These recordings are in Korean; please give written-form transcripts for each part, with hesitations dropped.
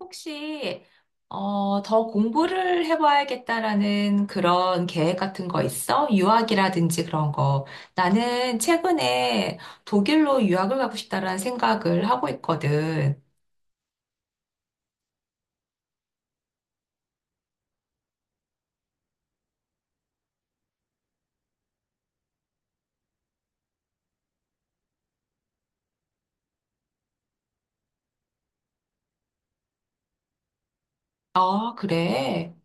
혹시 더 공부를 해봐야겠다라는 그런 계획 같은 거 있어? 유학이라든지 그런 거. 나는 최근에 독일로 유학을 가고 싶다라는 생각을 하고 있거든. 아, 그래?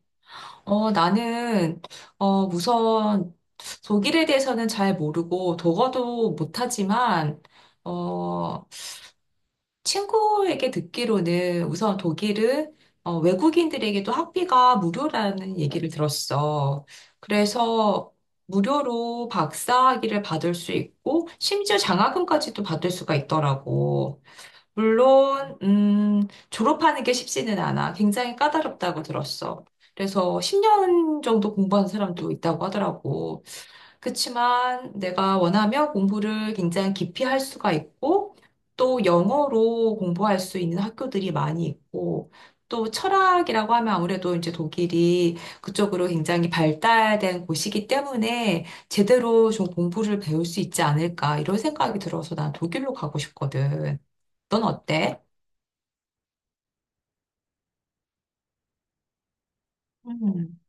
나는 우선 독일에 대해서는 잘 모르고 독어도 못하지만 어, 친구에게 듣기로는 우선 독일은 외국인들에게도 학비가 무료라는 얘기를 들었어. 그래서 무료로 박사학위를 받을 수 있고, 심지어 장학금까지도 받을 수가 있더라고. 물론, 졸업하는 게 쉽지는 않아. 굉장히 까다롭다고 들었어. 그래서 10년 정도 공부한 사람도 있다고 하더라고. 그치만 내가 원하면 공부를 굉장히 깊이 할 수가 있고, 또 영어로 공부할 수 있는 학교들이 많이 있고, 또 철학이라고 하면 아무래도 이제 독일이 그쪽으로 굉장히 발달된 곳이기 때문에 제대로 좀 공부를 배울 수 있지 않을까, 이런 생각이 들어서 난 독일로 가고 싶거든. 넌 어때? 음.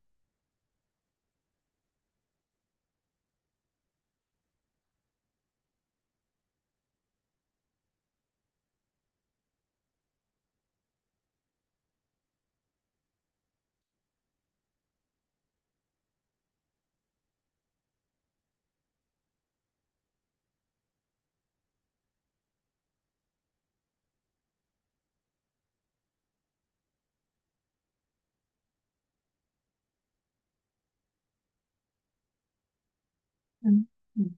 음, 음,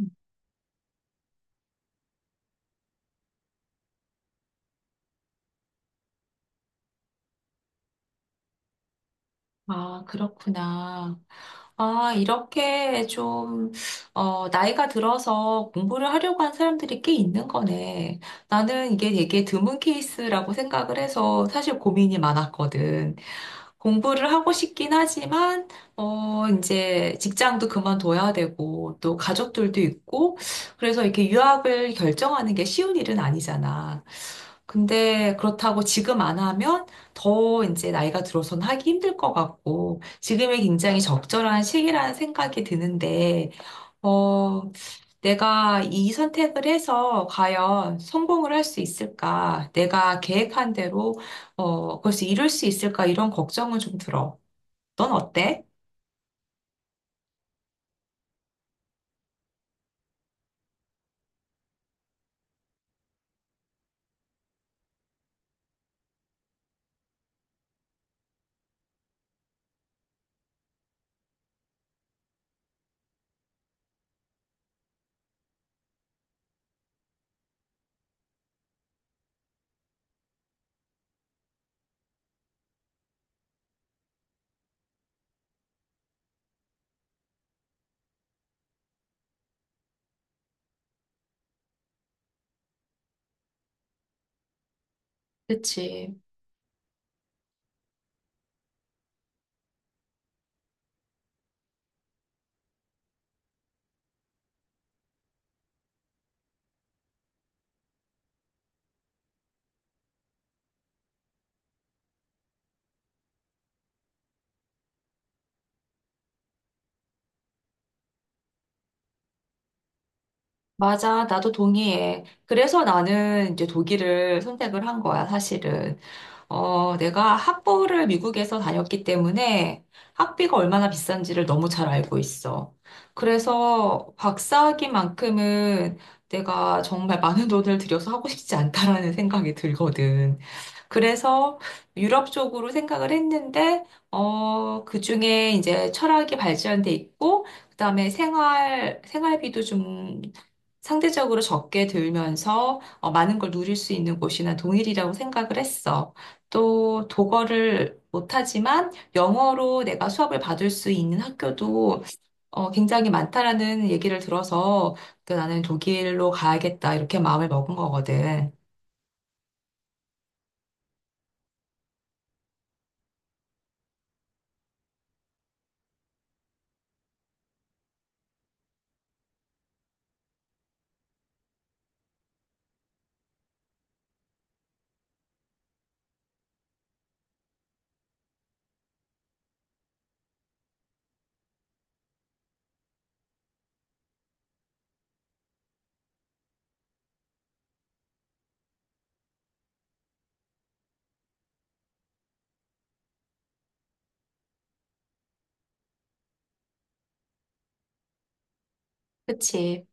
음. 아, 그렇구나. 아, 이렇게 좀, 나이가 들어서 공부를 하려고 한 사람들이 꽤 있는 거네. 나는 이게 되게 드문 케이스라고 생각을 해서 사실 고민이 많았거든. 공부를 하고 싶긴 하지만, 이제 직장도 그만둬야 되고, 또 가족들도 있고, 그래서 이렇게 유학을 결정하는 게 쉬운 일은 아니잖아. 근데 그렇다고 지금 안 하면 더 이제 나이가 들어서는 하기 힘들 것 같고, 지금이 굉장히 적절한 시기라는 생각이 드는데, 어, 내가 이 선택을 해서 과연 성공을 할 수 있을까? 내가 계획한 대로, 그것을 이룰 수 있을까? 이런 걱정은 좀 들어. 넌 어때? 그치. 맞아. 나도 동의해. 그래서 나는 이제 독일을 선택을 한 거야, 사실은. 내가 학부를 미국에서 다녔기 때문에 학비가 얼마나 비싼지를 너무 잘 알고 있어. 그래서 박사학위만큼은 내가 정말 많은 돈을 들여서 하고 싶지 않다라는 생각이 들거든. 그래서 유럽 쪽으로 생각을 했는데, 그중에 이제 철학이 발전돼 있고, 그다음에 생활비도 좀 상대적으로 적게 들면서 많은 걸 누릴 수 있는 곳이나 동일이라고 생각을 했어. 또 독어를 못하지만 영어로 내가 수업을 받을 수 있는 학교도 굉장히 많다라는 얘기를 들어서 그 나는 독일로 가야겠다 이렇게 마음을 먹은 거거든. 그치?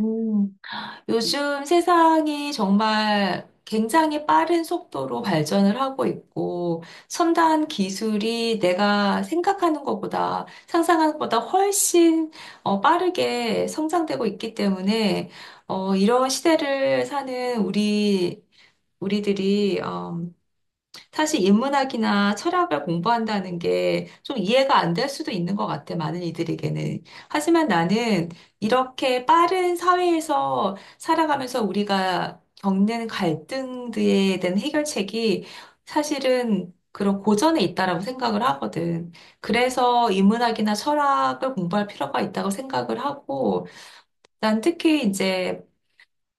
음. 요즘 세상이 정말 굉장히 빠른 속도로 발전을 하고 있고, 첨단 기술이 내가 생각하는 것보다, 상상하는 것보다 훨씬 빠르게 성장되고 있기 때문에, 이런 시대를 사는 우리, 우리들이, 사실 인문학이나 철학을 공부한다는 게 좀 이해가 안 될 수도 있는 것 같아, 많은 이들에게는. 하지만 나는 이렇게 빠른 사회에서 살아가면서 우리가 겪는 갈등들에 대한 해결책이 사실은 그런 고전에 있다라고 생각을 하거든. 그래서 인문학이나 철학을 공부할 필요가 있다고 생각을 하고, 난 특히 이제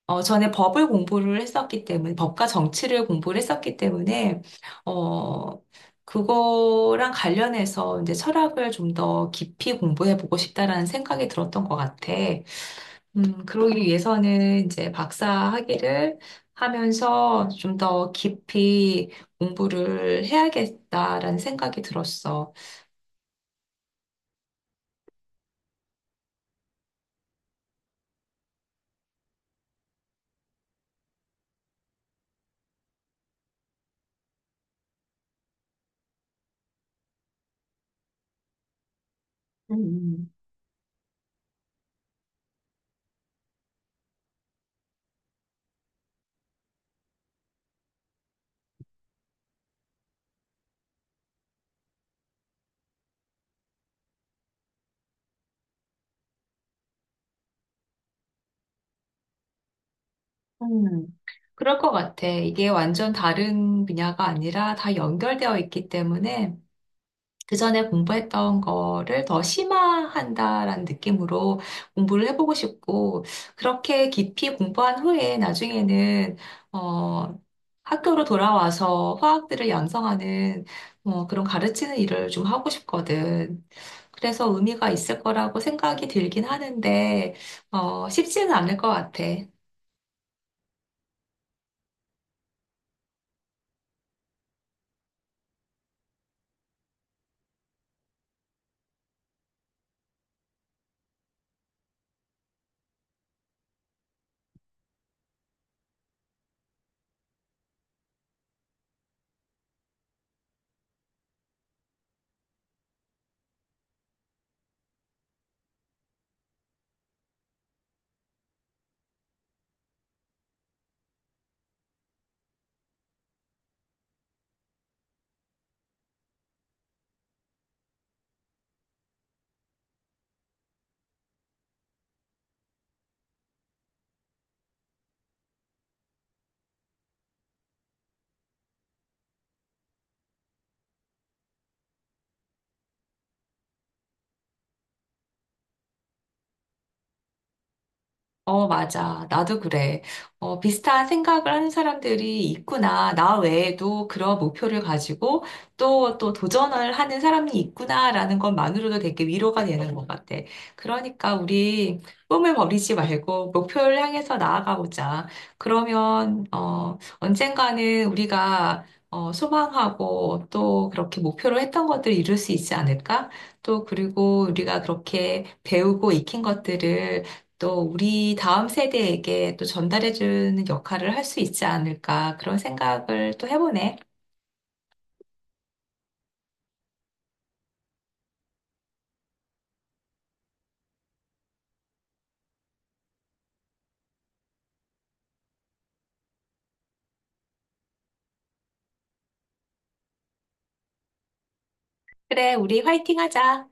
전에 법을 공부를 했었기 때문에, 법과 정치를 공부를 했었기 때문에, 어, 그거랑 관련해서 이제 철학을 좀 더 깊이 공부해 보고 싶다라는 생각이 들었던 것 같아. 그러기 위해서는 이제 박사 학위를 하면서 좀 더 깊이 공부를 해야겠다라는 생각이 들었어. 음, 음, 그럴 것 같아. 이게 완전 다른 분야가 아니라 다 연결되어 있기 때문에 그 전에 공부했던 거를 더 심화한다라는 느낌으로 공부를 해보고 싶고, 그렇게 깊이 공부한 후에 나중에는, 어, 학교로 돌아와서 화학들을 양성하는, 그런 가르치는 일을 좀 하고 싶거든. 그래서 의미가 있을 거라고 생각이 들긴 하는데, 쉽지는 않을 것 같아. 어, 맞아. 나도 그래. 어, 비슷한 생각을 하는 사람들이 있구나. 나 외에도 그런 목표를 가지고 또 도전을 하는 사람이 있구나라는 것만으로도 되게 위로가 되는 것 같아. 그러니까 우리 꿈을 버리지 말고 목표를 향해서 나아가 보자. 그러면, 언젠가는 우리가 소망하고 또 그렇게 목표로 했던 것들을 이룰 수 있지 않을까? 또 그리고 우리가 그렇게 배우고 익힌 것들을 또 우리 다음 세대에게 또 전달해주는 역할을 할 수 있지 않을까 그런 생각을 또 해보네. 그래, 우리 화이팅 하자.